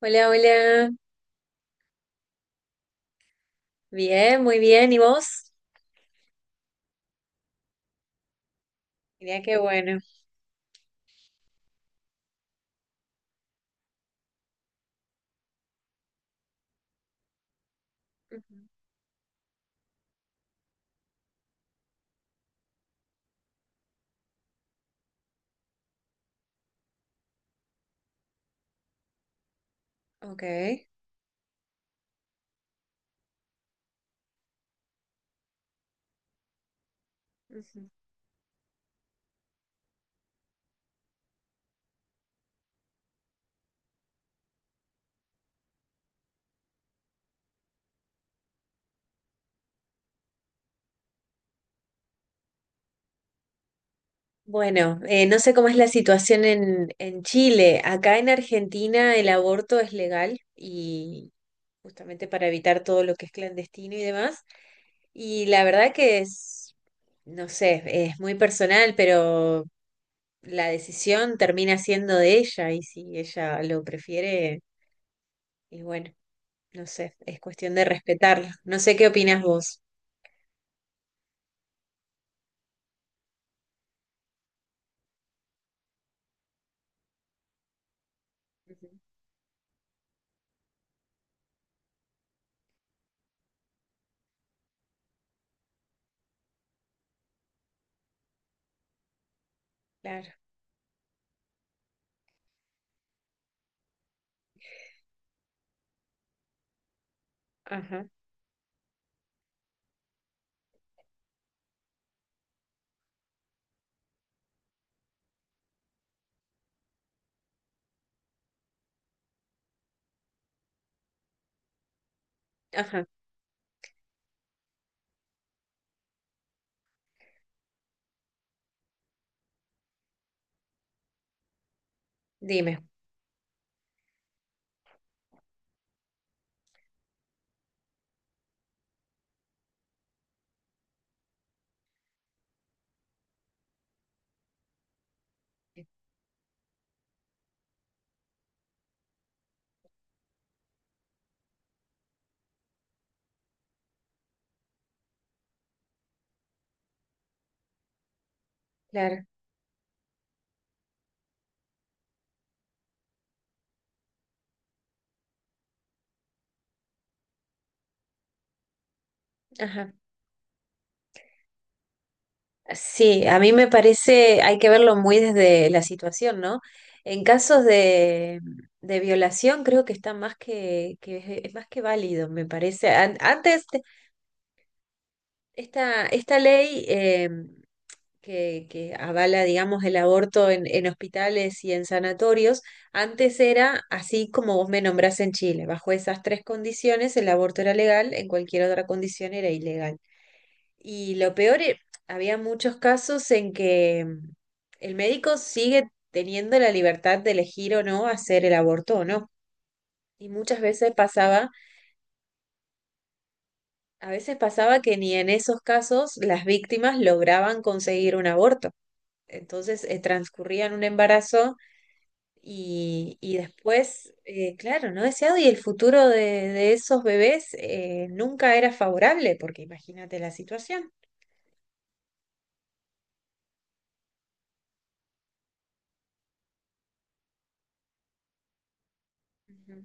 Hola, hola. Bien, muy bien. ¿Y vos? Mira qué bueno. Ujú. Ok. Ujú. Bueno, no sé cómo es la situación en Chile. Acá en Argentina el aborto es legal y justamente para evitar todo lo que es clandestino y demás. Y la verdad que es, no sé, es muy personal, pero la decisión termina siendo de ella y si ella lo prefiere, y bueno, no sé, es cuestión de respetarla. No sé qué opinás vos. Ujú. Claro. Ajá. Ajá. Dime. Claro. Ajá. Sí, a mí me parece, hay que verlo muy desde la situación, ¿no? En casos de violación creo que está más es más que válido, me parece. Antes, esta ley que avala, digamos, el aborto en hospitales y en sanatorios, antes era así como vos me nombrás en Chile. Bajo esas tres condiciones, el aborto era legal, en cualquier otra condición era ilegal. Y lo peor, había muchos casos en que el médico sigue teniendo la libertad de elegir o no hacer el aborto o no. Y muchas veces pasaba, a veces pasaba que ni en esos casos las víctimas lograban conseguir un aborto. Entonces, transcurrían un embarazo. Y después, claro, no deseado, y el futuro de esos bebés nunca era favorable, porque imagínate la situación. Ujú.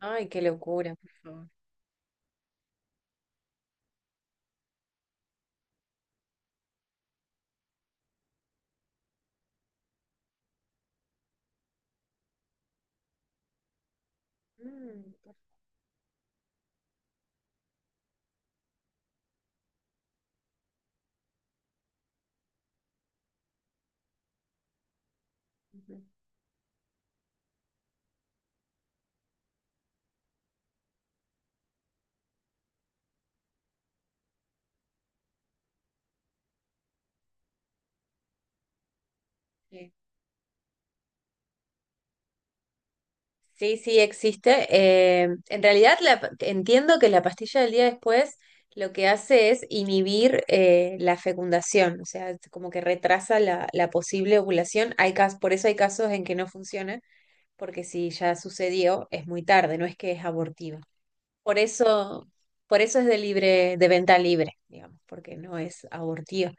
Ay, qué locura, por favor. Mm, por favor. Sí, sí, sí, existe. En realidad entiendo que la pastilla del día después lo que hace es inhibir la fecundación, o sea, es como que retrasa la, la posible ovulación. Por eso hay casos en que no funciona porque si ya sucedió, es muy tarde, no es que es abortiva. Por eso, por eso es de venta libre, digamos, porque no es abortiva.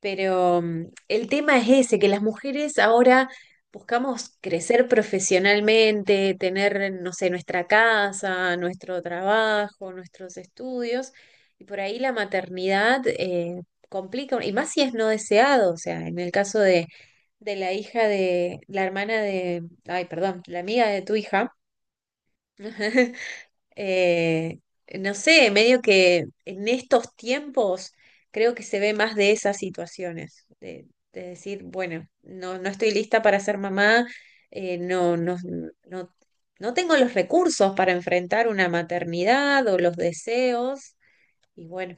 Pero el tema es ese, que las mujeres ahora buscamos crecer profesionalmente, tener, no sé, nuestra casa, nuestro trabajo, nuestros estudios, y por ahí la maternidad complica, y más si es no deseado, o sea, en el caso de la hija de, la hermana de, ay, perdón, la amiga de tu hija. Eh, no sé, medio que en estos tiempos creo que se ve más de esas situaciones, de decir, bueno, no, no estoy lista para ser mamá, eh, no, no, no, no tengo los recursos para enfrentar una maternidad o los deseos, y bueno,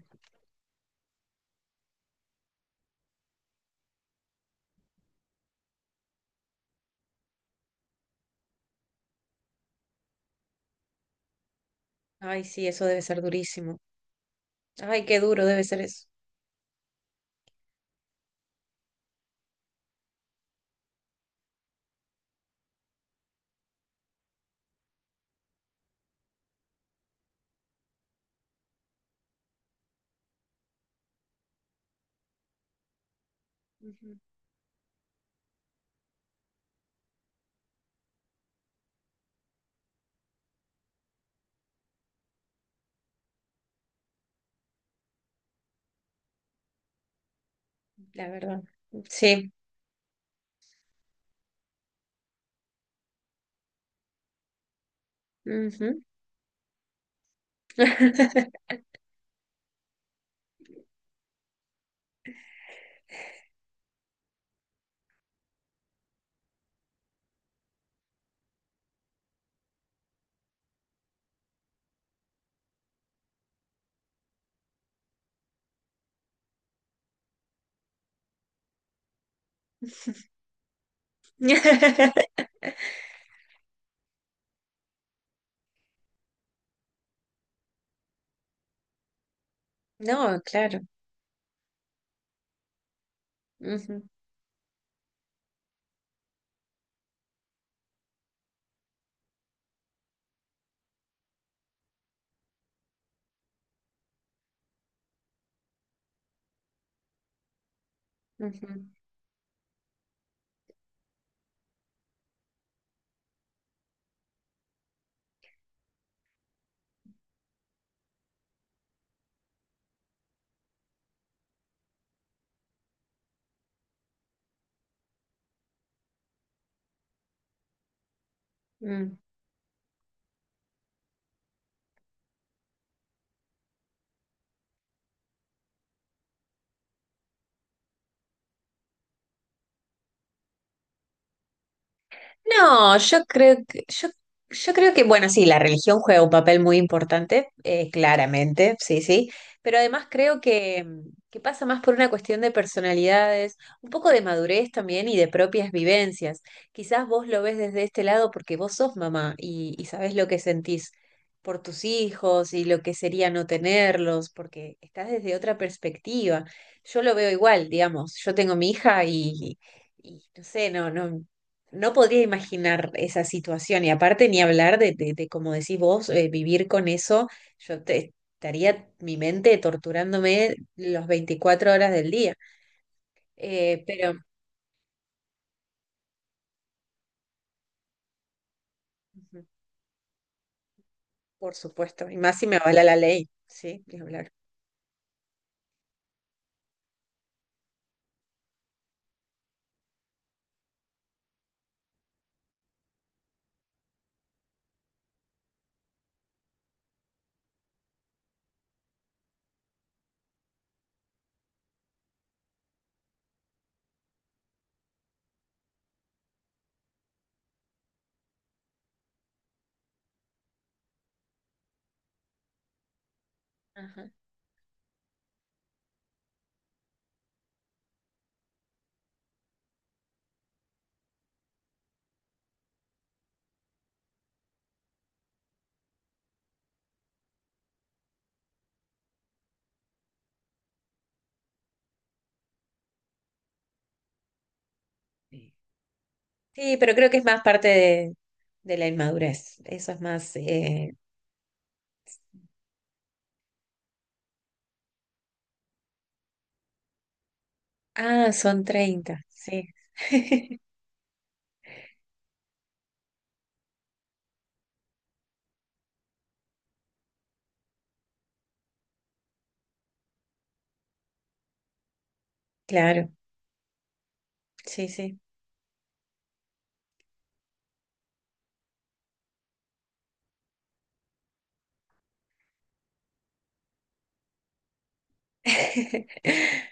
ay, sí, eso debe ser durísimo. Ay, qué duro debe ser eso. Ujú. La verdad. Sí. Ujú. No, claro. Ujú, ujú, mm. No, yo creo que yo creo que, bueno, sí, la religión juega un papel muy importante, claramente, sí, sí, pero además creo que pasa más por una cuestión de personalidades, un poco de madurez también y de propias vivencias. Quizás vos lo ves desde este lado porque vos sos mamá y sabés lo que sentís por tus hijos y lo que sería no tenerlos, porque estás desde otra perspectiva. Yo lo veo igual, digamos, yo tengo mi hija y no sé, no, no. No podría imaginar esa situación y aparte ni hablar de, como decís vos, vivir con eso, estaría mi mente torturándome las 24 horas del día. Pero, ujú, por supuesto, y más si me avala la ley, ¿sí? Ni hablar. Ajá. Sí. Sí, pero creo que es más parte de la inmadurez, eso es más... ah, son 30 sí, claro, sí, sí.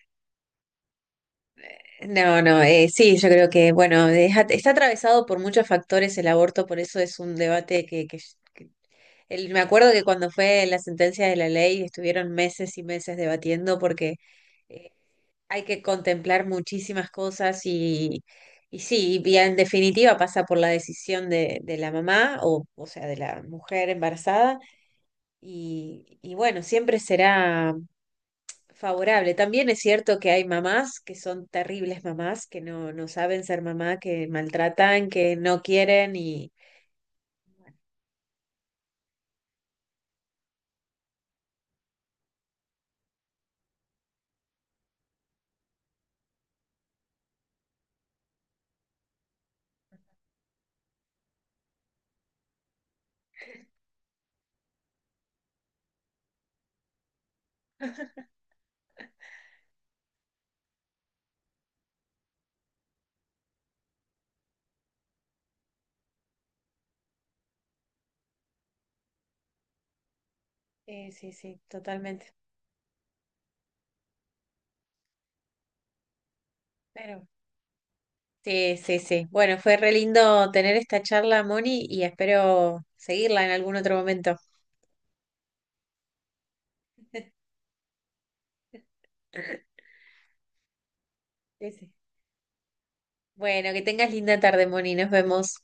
No, no, sí, yo creo que, bueno, está atravesado por muchos factores el aborto, por eso es un debate que- me acuerdo que cuando fue la sentencia de la ley estuvieron meses y meses debatiendo porque eh, hay que contemplar muchísimas cosas y sí, y en definitiva pasa por la decisión de la mamá o sea, de la mujer embarazada y bueno, siempre será favorable. También es cierto que hay mamás que son terribles mamás, que no, no saben ser mamá, que maltratan, que no quieren y... sí, sí, totalmente. Pero... Sí, sí, sí. Bueno, fue re lindo tener esta charla, Moni, y espero seguirla en algún otro momento. Sí, sí. Bueno, que tengas linda tarde, Moni. Nos vemos.